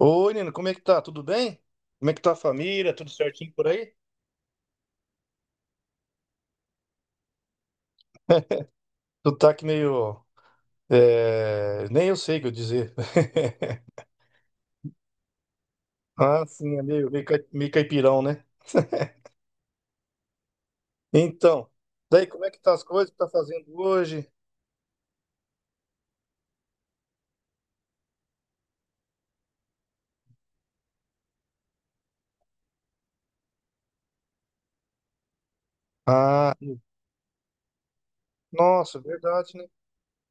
Oi, Nino, como é que tá? Tudo bem? Como é que tá a família? Tudo certinho por aí? Sotaque meio. Nem eu sei o que eu dizer. Ah, sim, é meio caipirão, né? Então, daí como é que tá as coisas que tá fazendo hoje? Ah, nossa, verdade, né?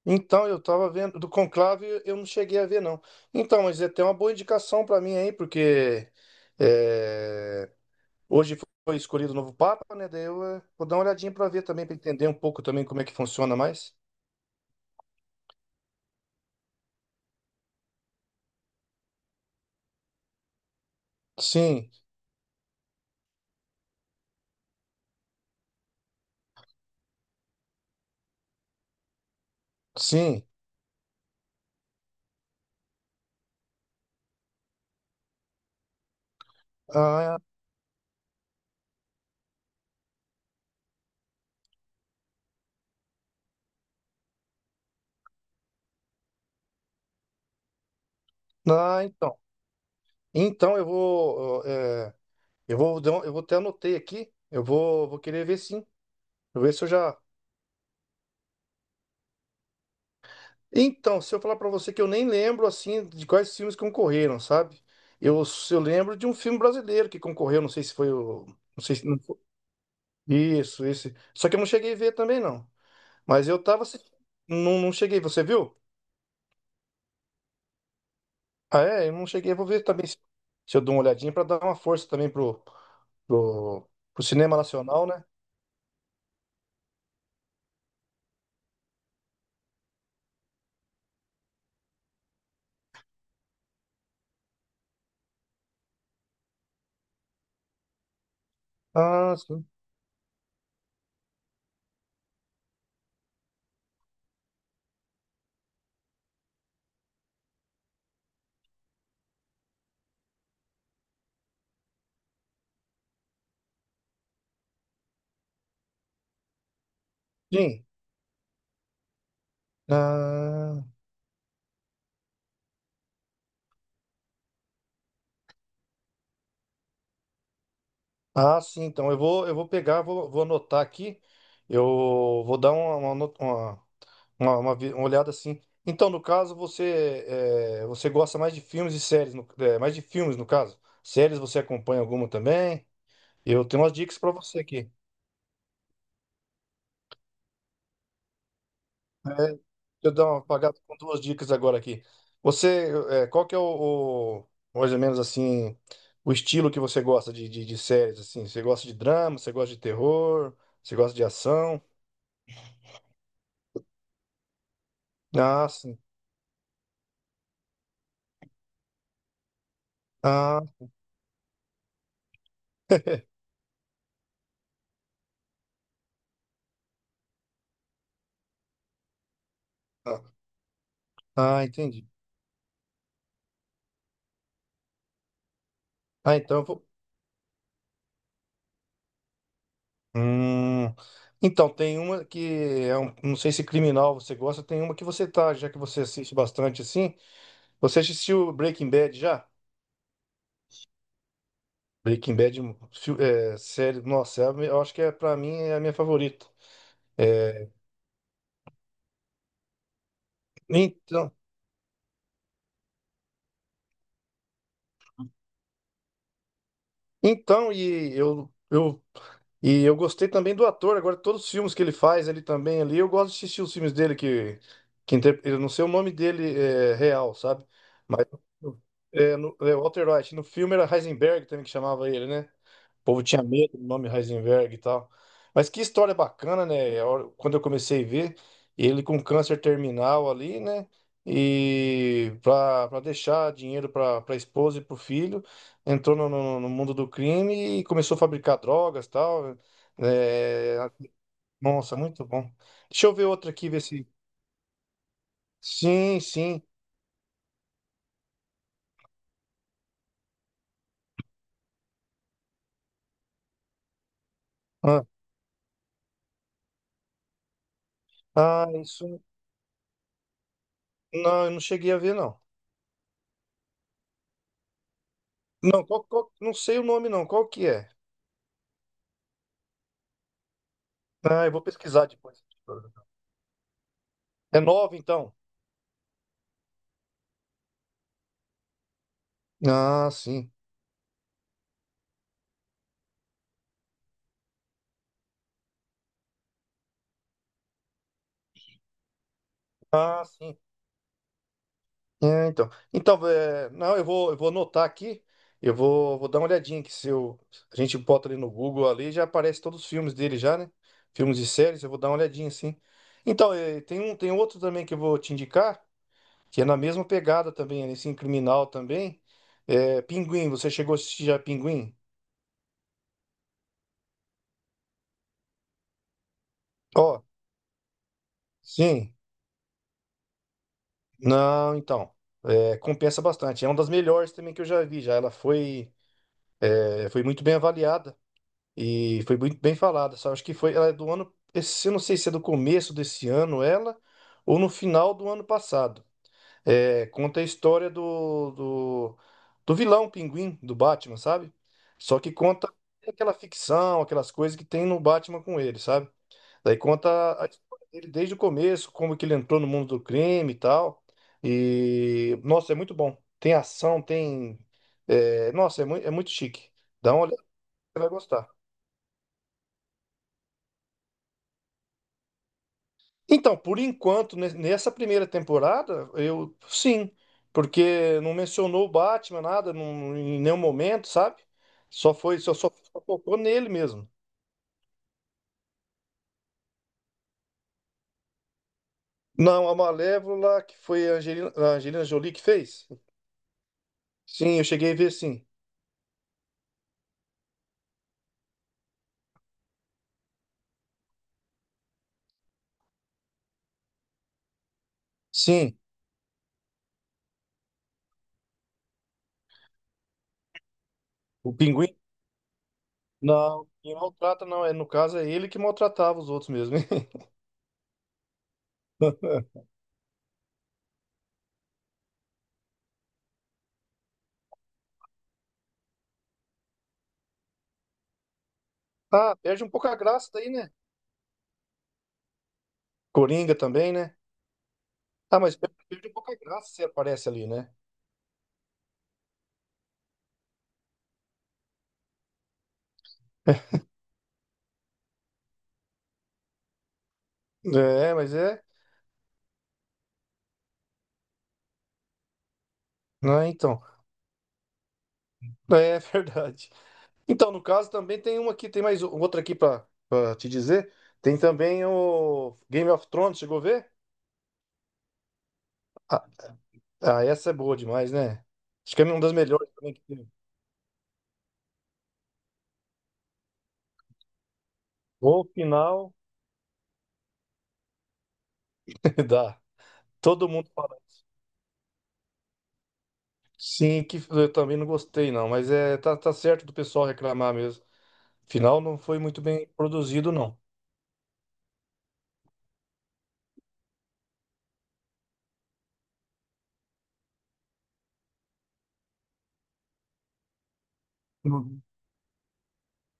Então, eu tava vendo do Conclave, eu não cheguei a ver, não. Então, mas é até uma boa indicação pra mim aí, porque. é, Hoje foi escolhido o novo Papa, né? Daí eu vou dar uma olhadinha para ver também, para entender um pouco também como é que funciona mais. Sim, sim. Ah, ah, então. Então eu vou, eh, eu vou, dar um- eu vou até anotei aqui. Eu vou querer ver sim. Eu ver se eu já. Então, se eu falar para você que eu nem lembro assim de quais filmes concorreram, sabe? Eu, eu lembro de um filme brasileiro que concorreu, não sei se foi o, não sei se não foi. Isso, esse. Só que eu não cheguei a ver também não. Mas eu tava assistindo, não, não cheguei. Você viu? Ah, é? Eu não cheguei. Eu vou ver também se eu dou uma olhadinha para dar uma força também pro cinema nacional, né? Ah, sim. Sim. Ah, ah, sim. Então eu vou pegar, vou, vou anotar aqui. Eu vou dar uma, no- uma vi- uma olhada assim. Então, no caso, você, você gosta mais de filmes e séries, mais de filmes, no caso. Séries você acompanha alguma também? Eu tenho umas dicas para você aqui. Eu dar uma apagada com duas dicas agora aqui. Você, qual que é o mais ou menos assim, o estilo que você gosta de séries, assim? Você gosta de drama, você gosta de terror, você gosta de ação? Ah, sim. Ah, ah, ah, entendi. Ah, então eu vou... Hum, então, tem uma que é um, não sei se criminal você gosta, tem uma que você tá, já que você assiste bastante assim. Você assistiu Breaking Bad já? Breaking Bad, série, nossa, eu acho que é para mim é a minha favorita. É, então, então e eu, eu eu gostei também do ator. Agora todos os filmes que ele faz ele também ali, eu gosto de assistir os filmes dele que eu não sei o nome dele é, real, sabe? Mas é, é Walter White. No filme era Heisenberg também que chamava ele, né? O povo tinha medo do nome Heisenberg e tal. Mas que história bacana, né? Quando eu comecei a ver, ele com câncer terminal ali, né? E para deixar dinheiro para a esposa e para o filho, entrou no no mundo do crime e começou a fabricar drogas e tal, né? É, nossa, muito bom. Deixa eu ver outra aqui, ver se. Sim, sim. Ah, ah, isso. Não, eu não cheguei a ver, não. Não, não sei o nome, não. Qual que é? Ah, eu vou pesquisar depois. É nova, então? Ah, sim. Ah, sim. É, então. Então, é, não, eu vou anotar aqui. Eu vou dar uma olhadinha que se eu, a gente bota ali no Google ali, já aparece todos os filmes dele já, né? Filmes e séries, eu vou dar uma olhadinha, sim. Então, é, tem um, tem outro também que eu vou te indicar, que é na mesma pegada também, nesse criminal também. É, Pinguim, você chegou a assistir já Pinguim? Ó, sim. Não, então. É, compensa bastante. É uma das melhores também que eu já vi já. Ela foi. É, foi muito bem avaliada e foi muito bem falada. Só acho que foi, ela é do ano, eu não sei se é do começo desse ano ela ou no final do ano passado. É, conta a história do vilão Pinguim do Batman, sabe? Só que conta aquela ficção, aquelas coisas que tem no Batman com ele, sabe? Daí conta a história dele desde o começo, como que ele entrou no mundo do crime e tal. E, nossa, é muito bom. Tem ação, tem. É, nossa, é muito chique. Dá uma, você vai gostar. Então, por enquanto, nessa primeira temporada, eu sim, porque não mencionou o Batman, nada, em nenhum momento, sabe? Só foi, só focou nele mesmo. Não, a Malévola, que foi a Angelina Jolie que fez? Sim, eu cheguei a ver, sim. Sim, o Pinguim? Não, quem maltrata não, é, no caso é ele que maltratava os outros mesmo. Ah, perde um pouco a graça daí, né? Coringa também, né? Ah, mas perde um pouco a graça se aparece ali, né? É, mas é. Ah, então. É verdade. Então, no caso, também tem uma aqui, tem mais outra aqui pra te dizer. Tem também o Game of Thrones, chegou a ver? Ah, ah, essa é boa demais, né? Acho que é uma das melhores também que tem. O final dá. Todo mundo fala isso. Sim, que eu também não gostei, não, mas é, tá, tá certo do pessoal reclamar mesmo. Final não foi muito bem produzido, não.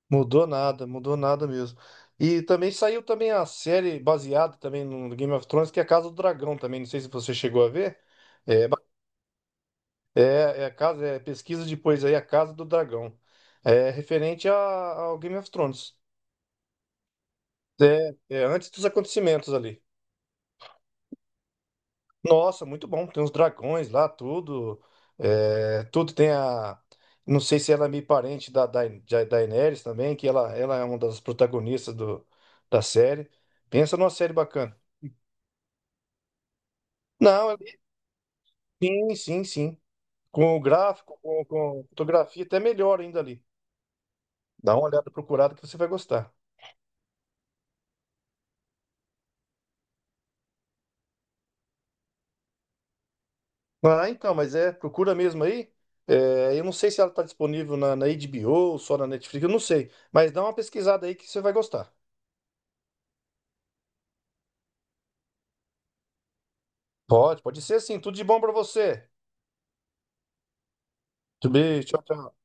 Mudou nada mesmo. E também saiu também a série baseada também no Game of Thrones, que é a Casa do Dragão também. Não sei se você chegou a ver. É, ba- é, é a casa, é pesquisa depois aí, a Casa do Dragão. É referente ao Game of Thrones. É, é antes dos acontecimentos ali. Nossa, muito bom. Tem os dragões lá, tudo. É, tudo tem a. Não sei se ela é meio parente da Daenerys também, que ela é uma das protagonistas do, da série. Pensa numa série bacana. Não, eu- sim, sim, sim. Com o gráfico, com fotografia, até melhor ainda ali. Dá uma olhada procurada que você vai gostar. Ah, então, mas é, procura mesmo aí. É, eu não sei se ela está disponível na HBO ou só na Netflix, eu não sei. Mas dá uma pesquisada aí que você vai gostar. Pode, pode ser sim. Tudo de bom para você. Tudo bem, tchau, tchau.